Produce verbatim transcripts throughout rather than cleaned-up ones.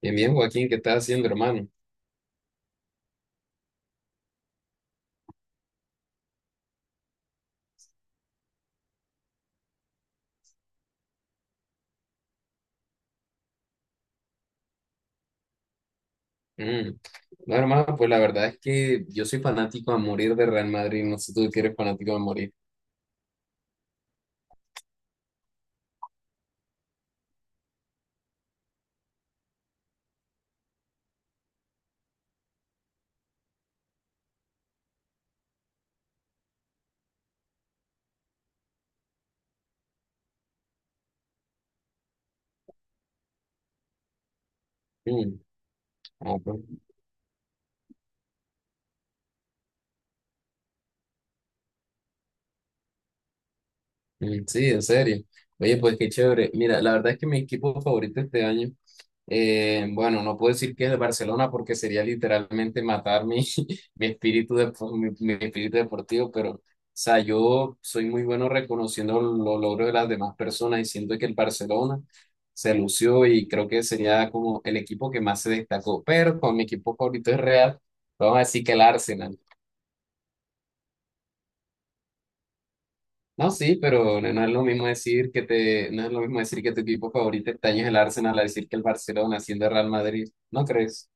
Bien, bien, Joaquín, ¿qué estás haciendo, hermano? Mm. No, hermano, pues la verdad es que yo soy fanático a morir de Real Madrid, no sé tú que eres fanático a morir. Mm. Ah, pues. Mm, sí, en serio. Oye, pues qué chévere. Mira, la verdad es que mi equipo favorito este año, eh, bueno, no puedo decir que es el Barcelona porque sería literalmente matar mi, mi espíritu de, mi, mi espíritu deportivo, pero, o sea, yo soy muy bueno reconociendo los logros de las demás personas y siento que el Barcelona se lució y creo que sería como el equipo que más se destacó. Pero con mi equipo favorito es Real, vamos a decir que el Arsenal. No, sí, pero no, no es lo mismo decir que te, no es lo mismo decir que tu equipo favorito este año es el Arsenal a decir que el Barcelona siendo el Real Madrid, ¿no crees?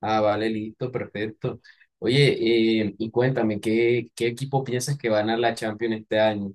Ah, vale, listo, perfecto. Oye, eh, y cuéntame, ¿qué, qué equipo piensas que va a ganar la Champions este año?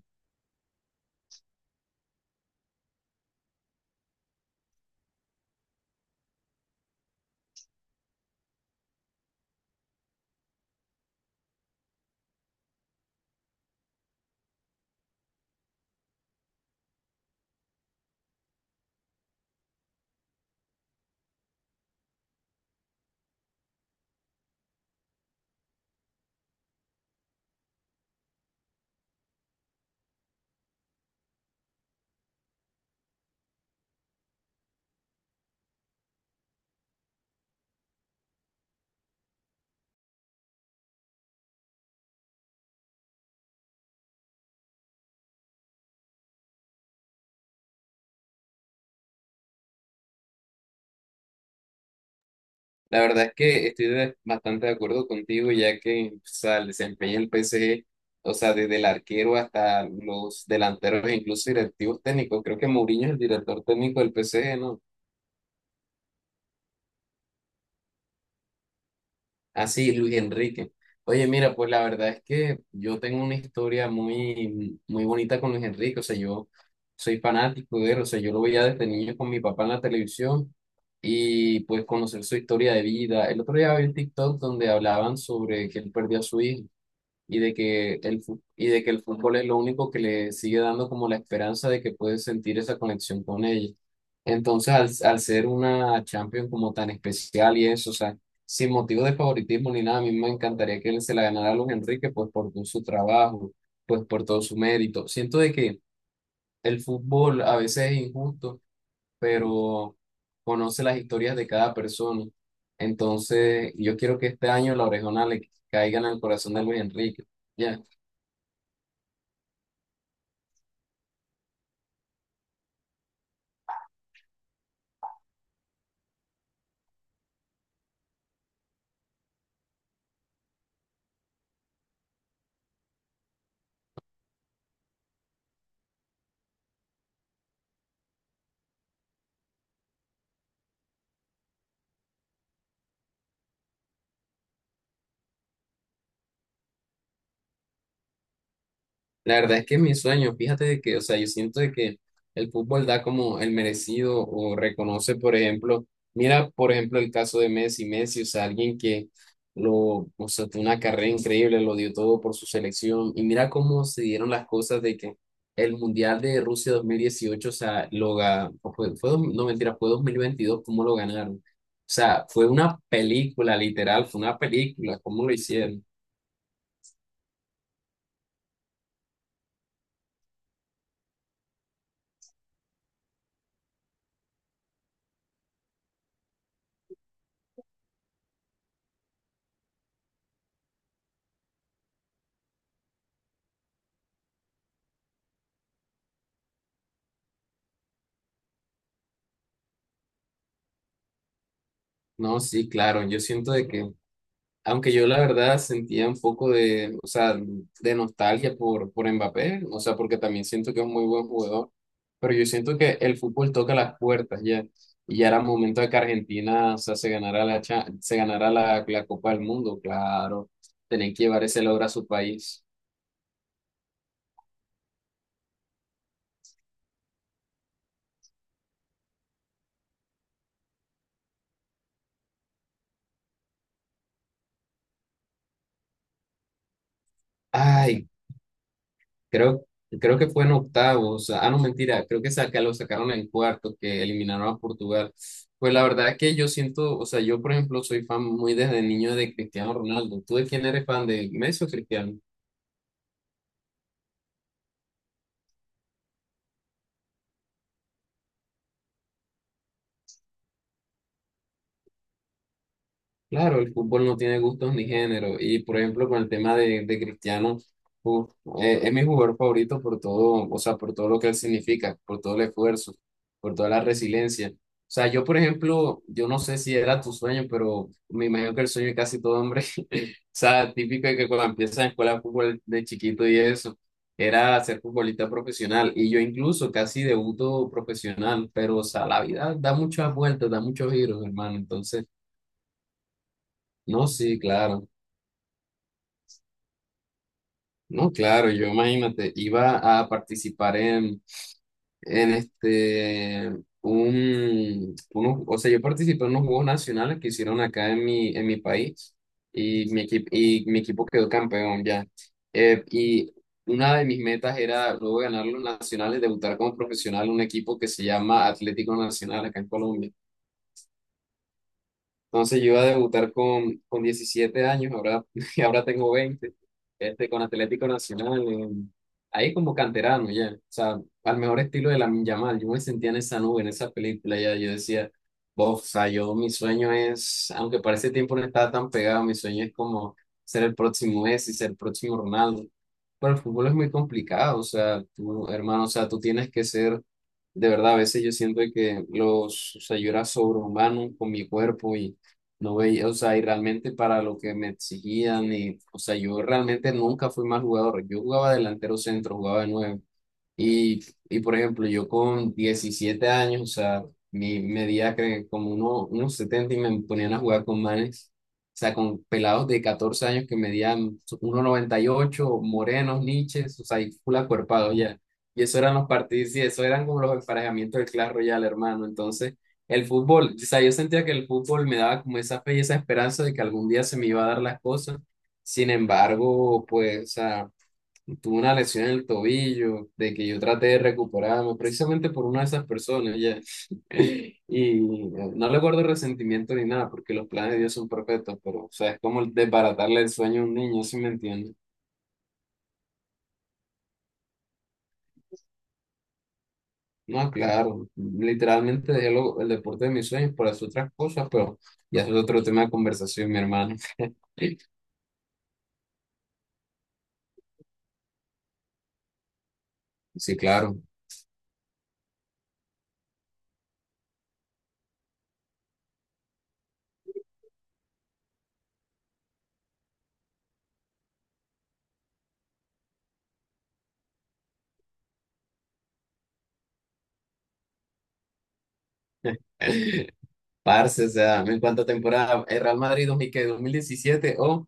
La verdad es que estoy de- bastante de acuerdo contigo, ya que o sea, el desempeño del P S G, o sea, desde el arquero hasta los delanteros e incluso directivos técnicos, creo que Mourinho es el director técnico del P S G, ¿no? Así, Luis Enrique. Oye, mira, pues la verdad es que yo tengo una historia muy, muy bonita con Luis Enrique. O sea, yo soy fanático de él. O sea, yo lo veía desde niño con mi papá en la televisión y pues conocer su historia de vida. El otro día vi un TikTok donde hablaban sobre que él perdió a su hijo y de que el, fu- y de que el fútbol es lo único que le sigue dando como la esperanza de que puede sentir esa conexión con ella. Entonces, al, al ser una Champions como tan especial y eso, o sea, sin motivo de favoritismo ni nada, a mí me encantaría que él se la ganara a Luis Enrique, pues por todo su trabajo, pues por todo su mérito. Siento de que el fútbol a veces es injusto, pero conoce las historias de cada persona. Entonces, yo quiero que este año la orejona le caiga en el corazón de Luis Enrique. Ya. La verdad es que es mi sueño, fíjate de que, o sea, yo siento de que el fútbol da como el merecido o reconoce, por ejemplo, mira, por ejemplo, el caso de Messi, Messi, o sea, alguien que lo, o sea, tuvo una carrera increíble, lo dio todo por su selección, y mira cómo se dieron las cosas de que el Mundial de Rusia dos mil dieciocho o sea, lo ga- o fue, fue, dos- no mentira, fue dos mil veintidós cómo lo ganaron. O sea, fue una película, literal, fue una película, cómo lo hicieron. No, sí, claro, yo siento de que aunque yo la verdad sentía un poco de, o sea, de nostalgia por, por Mbappé, o sea, porque también siento que es un muy buen jugador, pero yo siento que el fútbol toca las puertas ya, y ya era momento de que Argentina, o sea, se ganara la, cha- se ganara la, la Copa del Mundo, claro, tenían que llevar ese logro a su país. Ay, creo, creo que fue en octavos. Ah, no, mentira. Creo que saca, lo sacaron en cuartos, que eliminaron a Portugal. Pues la verdad que yo siento, o sea, yo por ejemplo soy fan muy desde niño de Cristiano Ronaldo. ¿Tú de quién eres fan de Messi o Cristiano? Claro, el fútbol no tiene gustos ni género. Y por ejemplo con el tema de, de Cristiano, uf, eh, es mi jugador favorito por todo, o sea, por todo lo que él significa, por todo el esfuerzo, por toda la resiliencia. O sea, yo por ejemplo, yo no sé si era tu sueño, pero me imagino que el sueño de casi todo hombre sea, típico de que cuando empiezas en escuela de fútbol de chiquito y eso, era ser futbolista profesional. Y yo incluso casi debuto profesional, pero o sea, la vida da muchas vueltas, da muchos giros, hermano. Entonces, no, sí, claro. No, claro, yo imagínate, iba a participar en en este, un, unos- o sea, yo participé en unos Juegos Nacionales que hicieron acá en mi, en mi país y mi, equi- y mi equipo quedó campeón ya. Eh, y una de mis metas era luego ganar los nacionales, debutar como profesional en un equipo que se llama Atlético Nacional acá en Colombia. Entonces yo iba a debutar con, con diecisiete años, ahora, y ahora tengo veinte este, con Atlético Nacional, en- ahí como canterano ya, o sea, al mejor estilo de la Yamal, yo me sentía en esa nube, en esa película ya, yo decía, "Bof, o sea, yo mi sueño es, aunque para ese tiempo no estaba tan pegado, mi sueño es como ser el próximo Messi, ser el próximo Ronaldo, pero el fútbol es muy complicado, o sea, tú, hermano, o sea, tú tienes que ser... De verdad, a veces yo siento que los, o sea, yo era sobrehumano con mi cuerpo no veía, o sea, y realmente para lo que me exigían, y, o sea, yo realmente nunca fui mal jugador. Yo jugaba delantero centro, jugaba de nueve. Y, y por ejemplo, yo con diecisiete años, o sea, mi medida que como uno, unos setenta y me ponían a jugar con manes, o sea, con pelados de catorce años que medían uno noventa y ocho morenos, niches, o sea, y full acuerpados ya. Y eso eran los partidos, y eso eran como los emparejamientos del Clash Royale, hermano. Entonces, el fútbol, o sea, yo sentía que el fútbol me daba como esa fe y esa esperanza de que algún día se me iba a dar las cosas. Sin embargo, pues, o sea, tuve una lesión en el tobillo, de que yo traté de recuperarme, precisamente por una de esas personas ya. Y no le guardo resentimiento ni nada, porque los planes de Dios son perfectos, pero, o sea, es como desbaratarle el sueño a un niño, ¿si me entiendes? No, claro, literalmente dejé lo- el deporte de mis sueños por hacer otras cosas, pero ya eso es otro tema de conversación, mi hermano. Sí, claro. Parce, o sea, en cuánta temporada, el Real Madrid dos mil, ¿qué? dos mil diecisiete o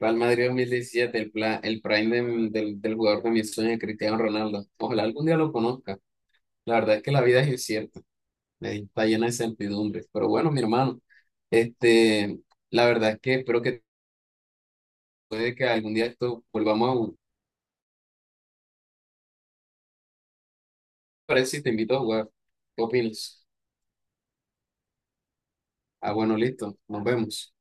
Real Madrid dos mil diecisiete, el, pla- el prime de- del, del jugador de mis sueños, Cristiano Ronaldo. Ojalá algún día lo conozca. La verdad es que la vida es incierta, eh, está llena de incertidumbres. Pero bueno, mi hermano, este, la verdad es que espero que puede que algún día esto volvamos a jugar. Parece si te invito a jugar. ¿Qué opinas? Ah, bueno, listo, nos vemos.